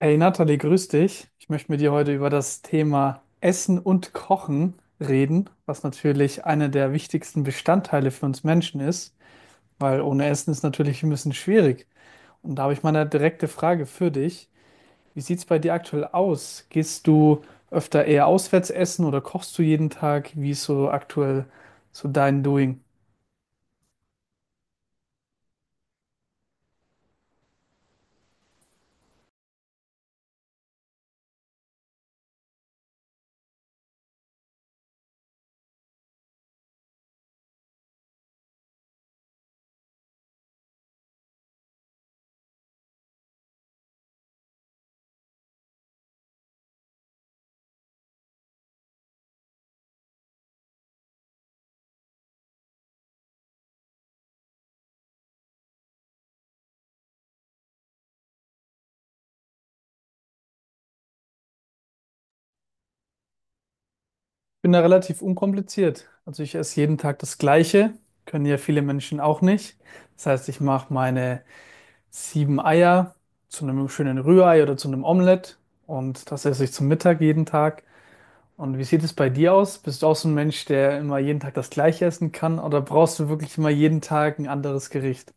Hey Nathalie, grüß dich. Ich möchte mit dir heute über das Thema Essen und Kochen reden, was natürlich einer der wichtigsten Bestandteile für uns Menschen ist, weil ohne Essen ist natürlich ein bisschen schwierig. Und da habe ich mal eine direkte Frage für dich. Wie sieht es bei dir aktuell aus? Gehst du öfter eher auswärts essen oder kochst du jeden Tag? Wie ist so aktuell so dein Doing? Ich bin da relativ unkompliziert. Also ich esse jeden Tag das Gleiche, können ja viele Menschen auch nicht. Das heißt, ich mache meine sieben Eier zu einem schönen Rührei oder zu einem Omelett, und das esse ich zum Mittag jeden Tag. Und wie sieht es bei dir aus? Bist du auch so ein Mensch, der immer jeden Tag das Gleiche essen kann, oder brauchst du wirklich immer jeden Tag ein anderes Gericht?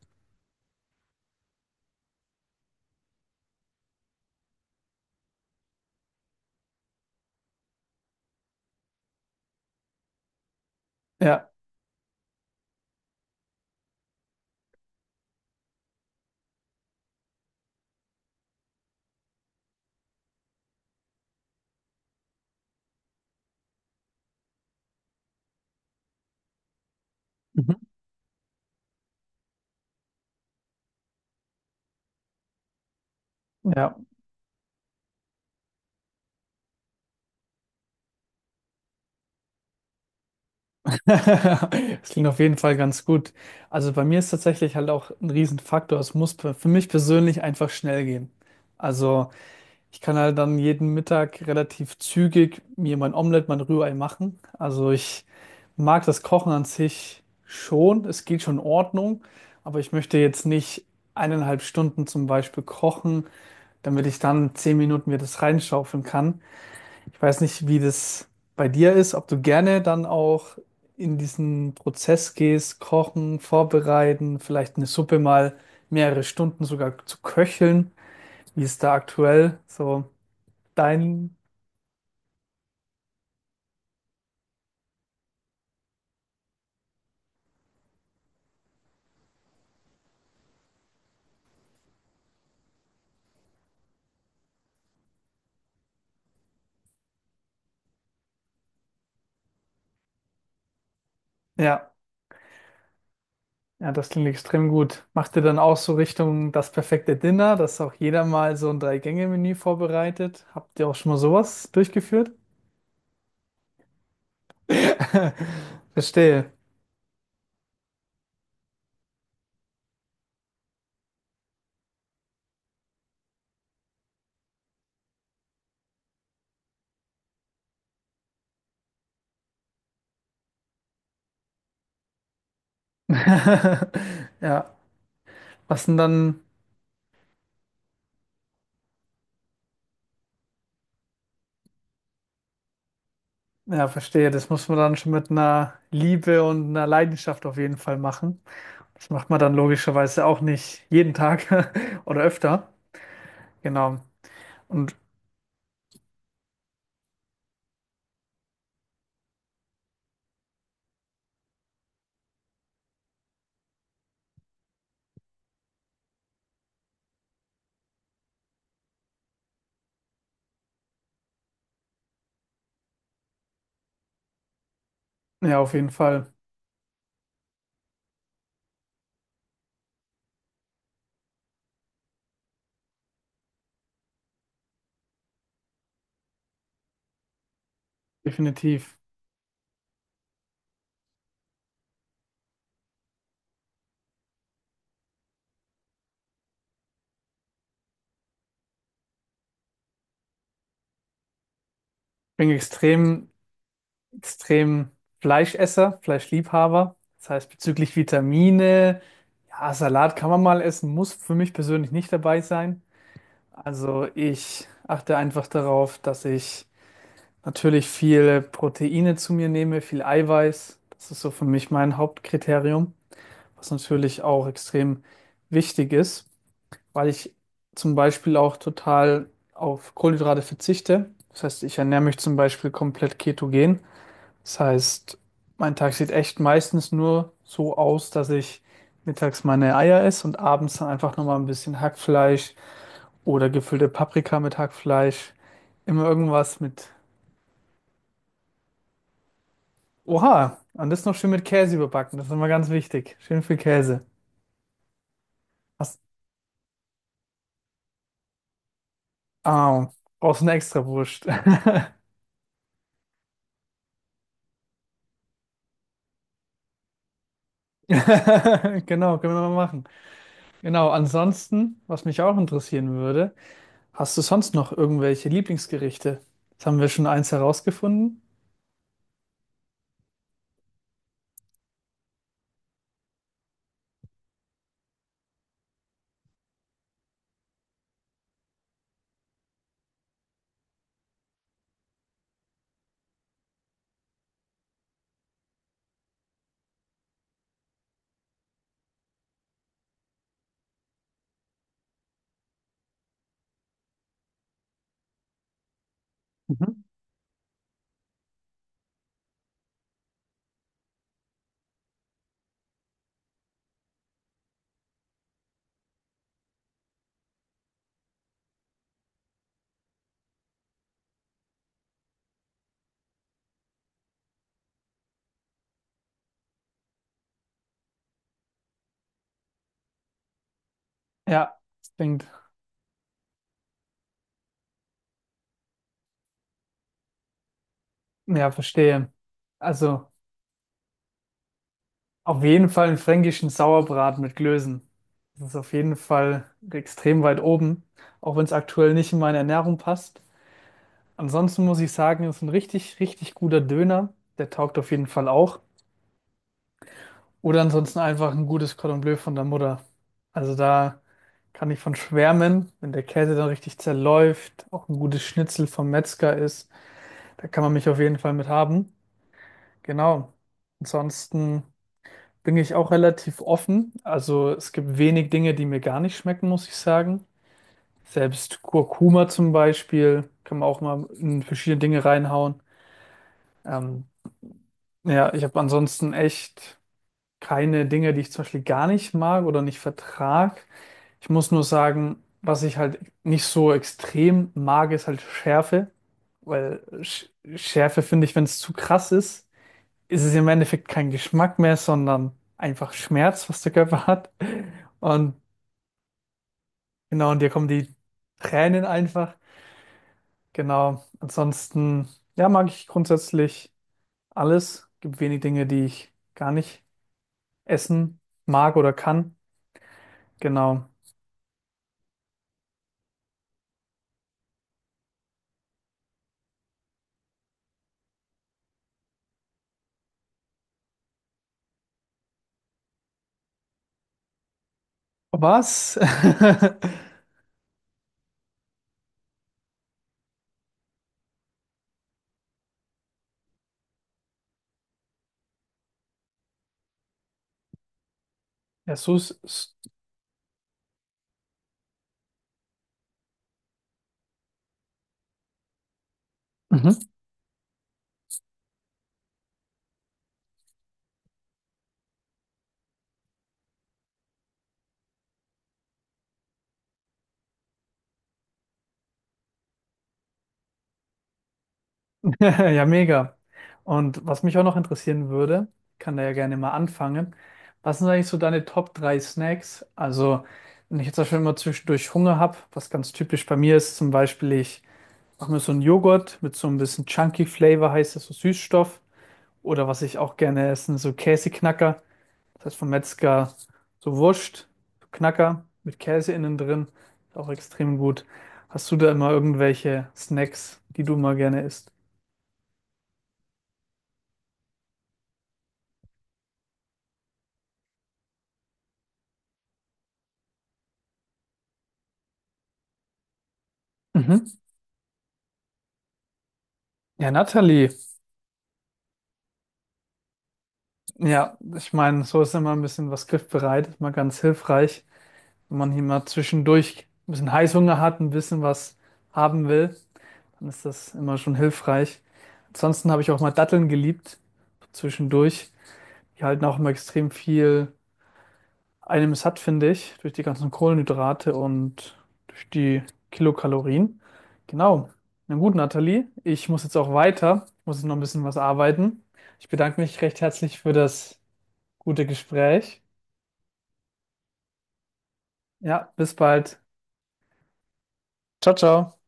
Ja. Mhm. Ja. Das klingt auf jeden Fall ganz gut. Also bei mir ist tatsächlich halt auch ein Riesenfaktor, es muss für mich persönlich einfach schnell gehen. Also ich kann halt dann jeden Mittag relativ zügig mir mein Omelett, mein Rührei machen. Also ich mag das Kochen an sich schon. Es geht schon in Ordnung. Aber ich möchte jetzt nicht 1,5 Stunden zum Beispiel kochen, damit ich dann 10 Minuten mir das reinschaufeln kann. Ich weiß nicht, wie das bei dir ist, ob du gerne dann auch in diesen Prozess gehst, kochen, vorbereiten, vielleicht eine Suppe mal mehrere Stunden sogar zu köcheln. Wie ist da aktuell so dein ja, ja, das klingt extrem gut. Macht ihr dann auch so Richtung das perfekte Dinner, dass auch jeder mal so ein Drei-Gänge-Menü vorbereitet? Habt ihr auch schon mal sowas durchgeführt? Verstehe. Ja, was denn dann? Ja, verstehe. Das muss man dann schon mit einer Liebe und einer Leidenschaft auf jeden Fall machen. Das macht man dann logischerweise auch nicht jeden Tag oder öfter. Genau. Und ja, auf jeden Fall. Definitiv. Ich bin extrem extrem Fleischesser, Fleischliebhaber. Das heißt, bezüglich Vitamine, ja, Salat kann man mal essen, muss für mich persönlich nicht dabei sein. Also ich achte einfach darauf, dass ich natürlich viel Proteine zu mir nehme, viel Eiweiß. Das ist so für mich mein Hauptkriterium, was natürlich auch extrem wichtig ist, weil ich zum Beispiel auch total auf Kohlenhydrate verzichte. Das heißt, ich ernähre mich zum Beispiel komplett ketogen. Das heißt, mein Tag sieht echt meistens nur so aus, dass ich mittags meine Eier esse und abends dann einfach nochmal ein bisschen Hackfleisch oder gefüllte Paprika mit Hackfleisch. Immer irgendwas mit. Oha, und das noch schön mit Käse überbacken. Das ist immer ganz wichtig. Schön viel Käse. Hast, ah, brauchst eine Extrawurst. Genau, können wir mal machen. Genau, ansonsten, was mich auch interessieren würde, hast du sonst noch irgendwelche Lieblingsgerichte? Jetzt haben wir schon eins herausgefunden. Mhm. Ja, das ja, verstehe. Also auf jeden Fall einen fränkischen Sauerbraten mit Klößen. Das ist auf jeden Fall extrem weit oben, auch wenn es aktuell nicht in meine Ernährung passt. Ansonsten muss ich sagen, ist ein richtig, richtig guter Döner. Der taugt auf jeden Fall auch. Oder ansonsten einfach ein gutes Cordon Bleu von der Mutter. Also da kann ich von schwärmen, wenn der Käse dann richtig zerläuft, auch ein gutes Schnitzel vom Metzger ist, da kann man mich auf jeden Fall mit haben. Genau. Ansonsten bin ich auch relativ offen. Also es gibt wenig Dinge, die mir gar nicht schmecken, muss ich sagen. Selbst Kurkuma zum Beispiel kann man auch mal in verschiedene Dinge reinhauen. Ähm, ja, ich habe ansonsten echt keine Dinge, die ich zum Beispiel gar nicht mag oder nicht vertrag. Ich muss nur sagen, was ich halt nicht so extrem mag, ist halt Schärfe. Weil Sch Schärfe finde ich, wenn es zu krass ist, ist es im Endeffekt kein Geschmack mehr, sondern einfach Schmerz, was der Körper hat. Und genau, und dir kommen die Tränen einfach. Genau. Ansonsten, ja, mag ich grundsätzlich alles. Gibt wenig Dinge, die ich gar nicht essen mag oder kann. Genau. Was? Ja, Sus. s- Mhm. Ja, mega. Und was mich auch noch interessieren würde, kann da ja gerne mal anfangen. Was sind eigentlich so deine Top 3 Snacks? Also, wenn ich jetzt zum Beispiel immer zwischendurch Hunger habe, was ganz typisch bei mir ist, zum Beispiel, ich mache mir so einen Joghurt mit so ein bisschen Chunky Flavor, heißt das so Süßstoff. Oder was ich auch gerne esse, so Käseknacker. Das heißt vom Metzger so Wurst, so Knacker mit Käse innen drin. Ist auch extrem gut. Hast du da immer irgendwelche Snacks, die du mal gerne isst? Mhm. Ja, Nathalie. Ja, ich meine, so ist immer ein bisschen was griffbereit. Ist mal ganz hilfreich. Wenn man hier mal zwischendurch ein bisschen Heißhunger hat, ein bisschen was haben will, dann ist das immer schon hilfreich. Ansonsten habe ich auch mal Datteln geliebt, zwischendurch. Die halten auch immer extrem viel einem satt, finde ich, durch die ganzen Kohlenhydrate und durch die Kilokalorien. Genau. Na gut, Nathalie, ich muss jetzt auch weiter. Ich muss jetzt noch ein bisschen was arbeiten. Ich bedanke mich recht herzlich für das gute Gespräch. Ja, bis bald. Ciao, ciao.